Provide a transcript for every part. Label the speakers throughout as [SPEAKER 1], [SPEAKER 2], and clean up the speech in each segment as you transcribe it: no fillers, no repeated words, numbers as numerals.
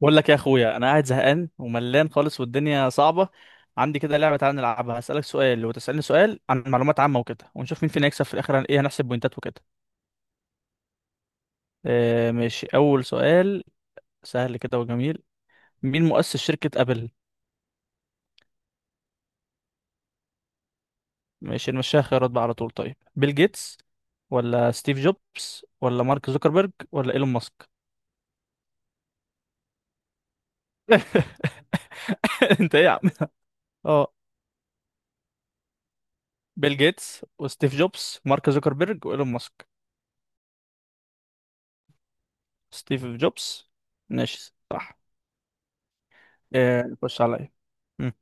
[SPEAKER 1] بقول لك يا اخويا، انا قاعد زهقان وملان خالص، والدنيا صعبه. عندي كده لعبه، تعالى نلعبها، هسالك سؤال وتسالني سؤال عن معلومات عامه وكده، ونشوف مين فينا يكسب في الاخر، عن ايه هنحسب بوينتات وكده. آه ماشي، اول سؤال، سهل كده وجميل. مين مؤسس شركه ابل؟ ماشي نمشيها خيارات بقى على طول. طيب، بيل جيتس ولا ستيف جوبز ولا مارك زوكربيرج ولا ايلون ماسك؟ انت ايه يا عم. اه، بيل جيتس وستيف جوبز، مارك زوكربيرج وايلون ماسك. ستيف جوبز. ماشي، صح. إيه، نخش عليا. مم.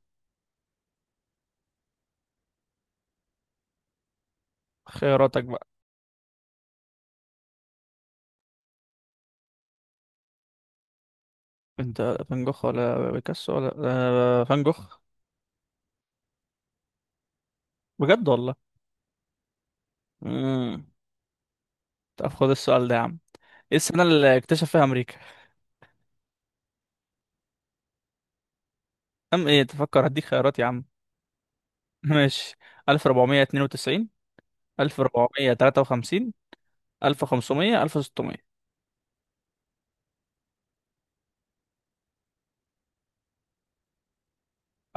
[SPEAKER 1] خياراتك بقى. انت، فان جوخ ولا بيكاسو ولا، فان جوخ. بجد والله. امم طب خد السؤال ده يا عم. ايه السنة اللي اكتشف فيها امريكا؟ ايه تفكر؟ هديك خيارات يا عم. ماشي، 1492، 1453، 1500، 1600.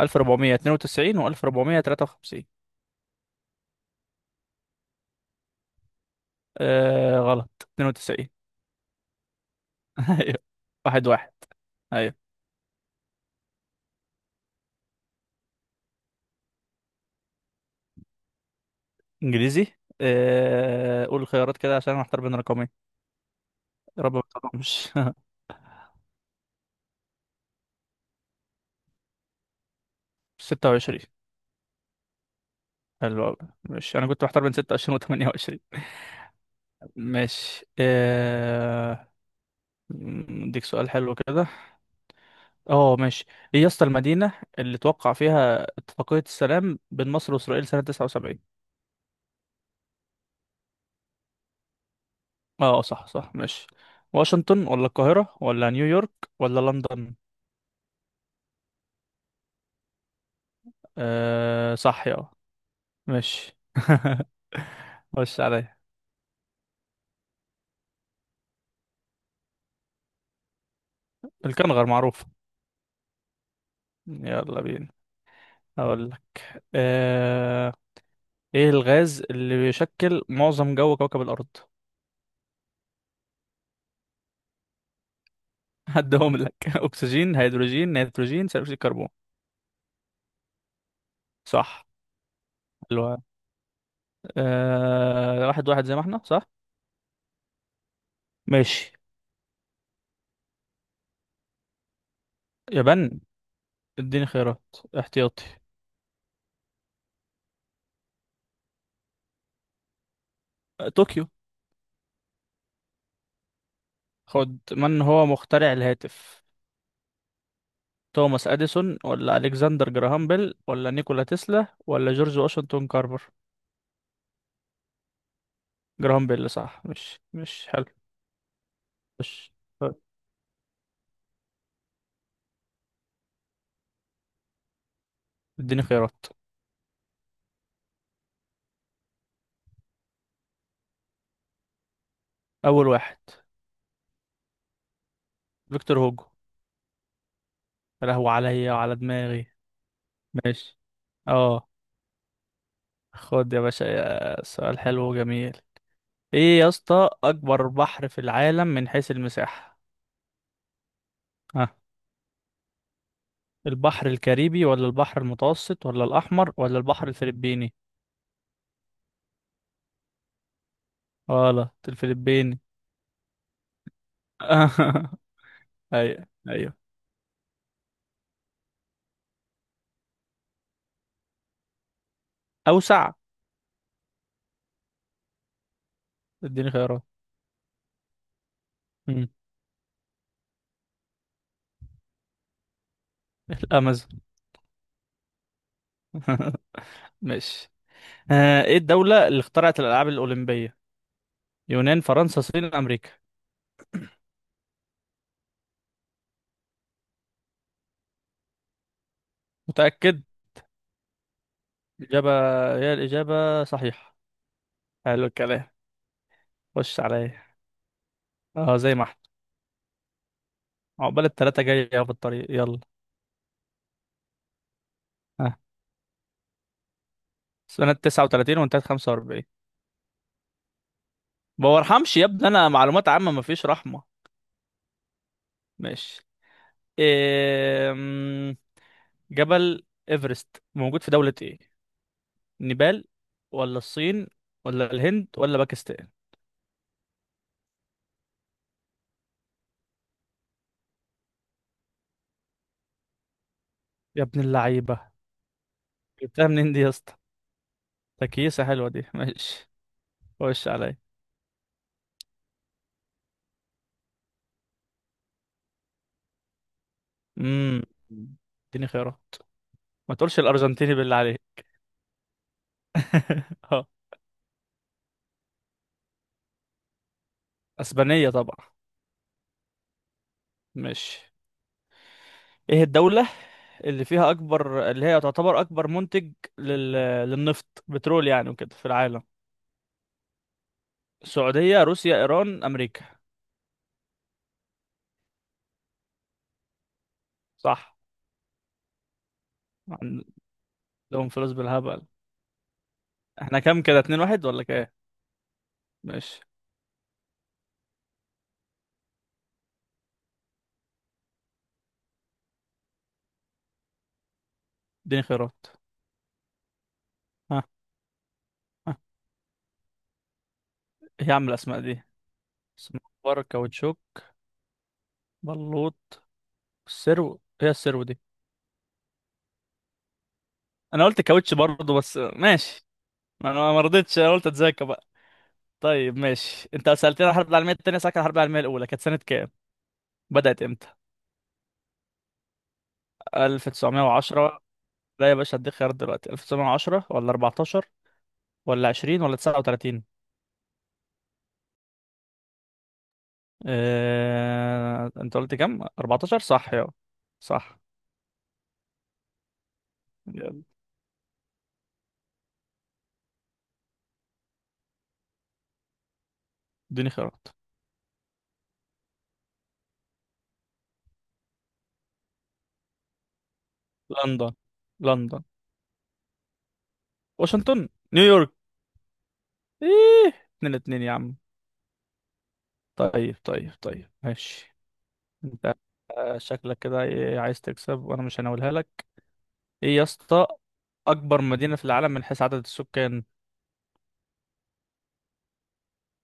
[SPEAKER 1] 1492 و1453. آه غلط، 92. ايوه. 1-1. ايوه، انجليزي. آه، قول الخيارات كده عشان انا محتار بين رقمين. يا رب ما تقومش. 26. حلو أوي. ماشي، أنا كنت محتار بين 26 و 28. ماشي، أديك سؤال حلو كده. ماشي. إيه يا اسطى، المدينة اللي توقع فيها اتفاقية السلام بين مصر وإسرائيل سنة 79؟ أه آه، صح صح ماشي. واشنطن ولا القاهرة ولا نيويورك ولا لندن؟ صح، يا ماشي. خش عليا. الكنغر معروف. يلا بينا. هقول لك، آه، ايه الغاز اللي بيشكل معظم جو كوكب الارض؟ هدهم لك. اكسجين، هيدروجين، نيتروجين، ثاني اكسيد الكربون. صح. حلوة. واحد واحد زي ما احنا. صح، ماشي. يابان. اديني خيارات، احتياطي. طوكيو. خد، من هو مخترع الهاتف؟ توماس اديسون ولا الكسندر جراهام بيل ولا نيكولا تسلا ولا جورج واشنطن كارفر؟ جراهام بيل، صح. مش حلو. مش طيب، اديني خيارات. اول واحد. فيكتور هوجو. يا لهوي عليا وعلى دماغي. ماشي، اه. خد يا باشا، يا سؤال حلو وجميل. ايه يا اسطى، اكبر بحر في العالم من حيث المساحة؟ ها، البحر الكاريبي ولا البحر المتوسط ولا الاحمر ولا البحر الفلبيني؟ غلط، الفلبيني. ايوه، ايوه. اوسع. اديني خيارات. مم. الامازون. ماشي، ايه الدولة اللي اخترعت الالعاب الاولمبية؟ يونان، فرنسا، الصين، امريكا. متأكد؟ الإجابة، هي الإجابة صحيحة. حلو الكلام. خش عليا. اه، زي ما احنا. عقبال التلاتة، جاية اهو في الطريق. يلا. ها، سنة 39، وانتهت 45. ما برحمش يا ابني، أنا معلومات عامة مفيش رحمة. ماشي. إيه... مم، جبل إيفرست موجود في دولة إيه؟ نيبال ولا الصين ولا الهند ولا باكستان؟ يا ابن اللعيبة، جبتها منين دي يا اسطى؟ تكيسة حلوة دي، ماشي. خش عليا. امم اديني خيارات. ما تقولش الأرجنتيني بالله عليك. اه، أسبانية طبعا. ماشي. ايه الدولة اللي فيها اكبر، اللي هي تعتبر اكبر منتج لل... للنفط، بترول يعني، وكده، في العالم؟ السعودية، روسيا، ايران، امريكا. صح. عندهم فلوس بالهبل. احنا كام كده، 2-1 ولا كام؟ ماشي. اديني خيارات. ها. ها، ايه يا عم الاسماء دي؟ سمبار، كاوتشوك، بلوط، السرو. هي السرو دي؟ انا قلت كاوتش برضه بس ماشي. ما انا ما رضيتش، انا قلت اتذاكى بقى. طيب ماشي، انت سألتني عن الحرب العالمية التانية، سألتك عن الحرب العالمية الاولى كانت سنة كام؟ بدأت امتى؟ 1910. لا يا باشا هديك خيار دلوقتي، 1910 ولا 14 ولا 20 ولا 39؟ انت قلت كام، 14 صح؟ يا صح. يلا، اديني خيارات. لندن. لندن. واشنطن، نيويورك. ايه، 2-2 يا عم. طيب طيب طيب ماشي. انت، شكلك كده ايه، عايز تكسب وانا مش هناولها لك. ايه يا اسطى، اكبر مدينة في العالم من حيث عدد السكان؟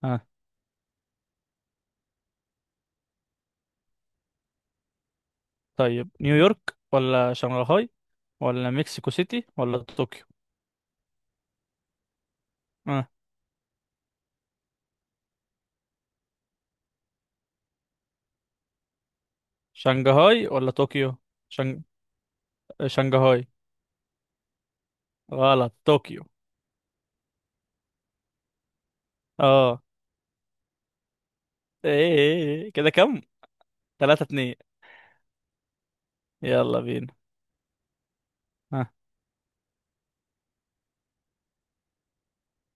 [SPEAKER 1] آه، طيب، نيويورك ولا شنغهاي ولا مكسيكو سيتي ولا طوكيو؟ اه. شنغهاي ولا طوكيو؟ شنغ... شنغهاي. غلط، طوكيو. اه. ايه إيه. كده كم؟ 3-2. يلا بينا. ها.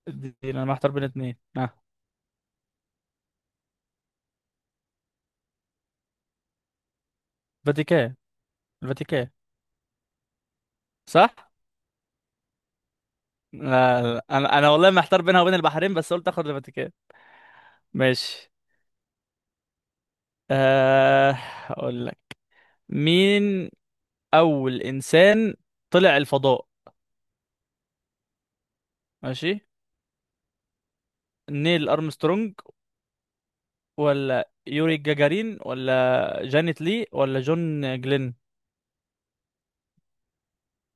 [SPEAKER 1] ادينا، انا محتار بين اتنين. ها. فاتيكان. الفاتيكان. صح. لا, لا. انا والله محتار بينها وبين البحرين، بس قلت اخد الفاتيكان. ماشي. آه اقول لك، مين اول انسان طلع الفضاء؟ ماشي. نيل ارمسترونج ولا يوري جاجارين ولا جانيت لي ولا جون جلين؟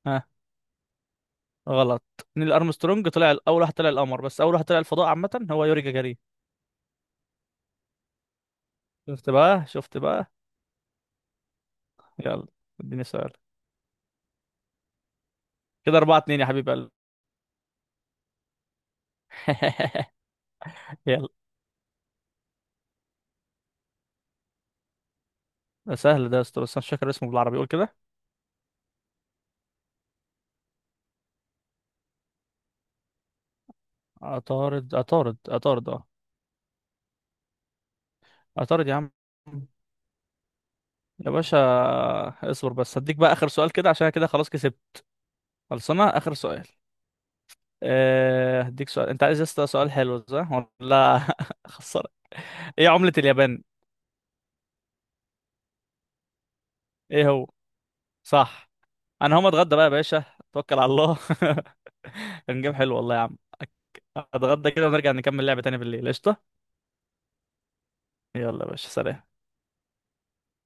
[SPEAKER 1] ها. غلط. نيل ارمسترونج طلع اول واحد طلع القمر، بس اول واحد طلع الفضاء عامه هو يوري جاجارين. شفت بقى، شفت بقى. يلا، اديني سؤال. كده 4-2 يا حبيب قلبي. يلا. ده سهل ده يا اسطى، بس أنا مش فاكر اسمه بالعربي، قول كده. عطارد، عطارد، عطارد. اه، عطارد يا عم. يا باشا، اصبر بس هديك بقى آخر سؤال، كده عشان كده خلاص كسبت. خلصنا. آخر سؤال. هديك سؤال، انت عايز يا اسطى سؤال حلو، صح؟ ولا خسر. ايه عملة اليابان؟ ايه هو، صح. انا هقوم اتغدى بقى يا باشا. توكل على الله. كان جيم حلو والله يا عم. اتغدى كده ونرجع نكمل لعبة تاني بالليل، قشطة. يلا يا باشا، سلام.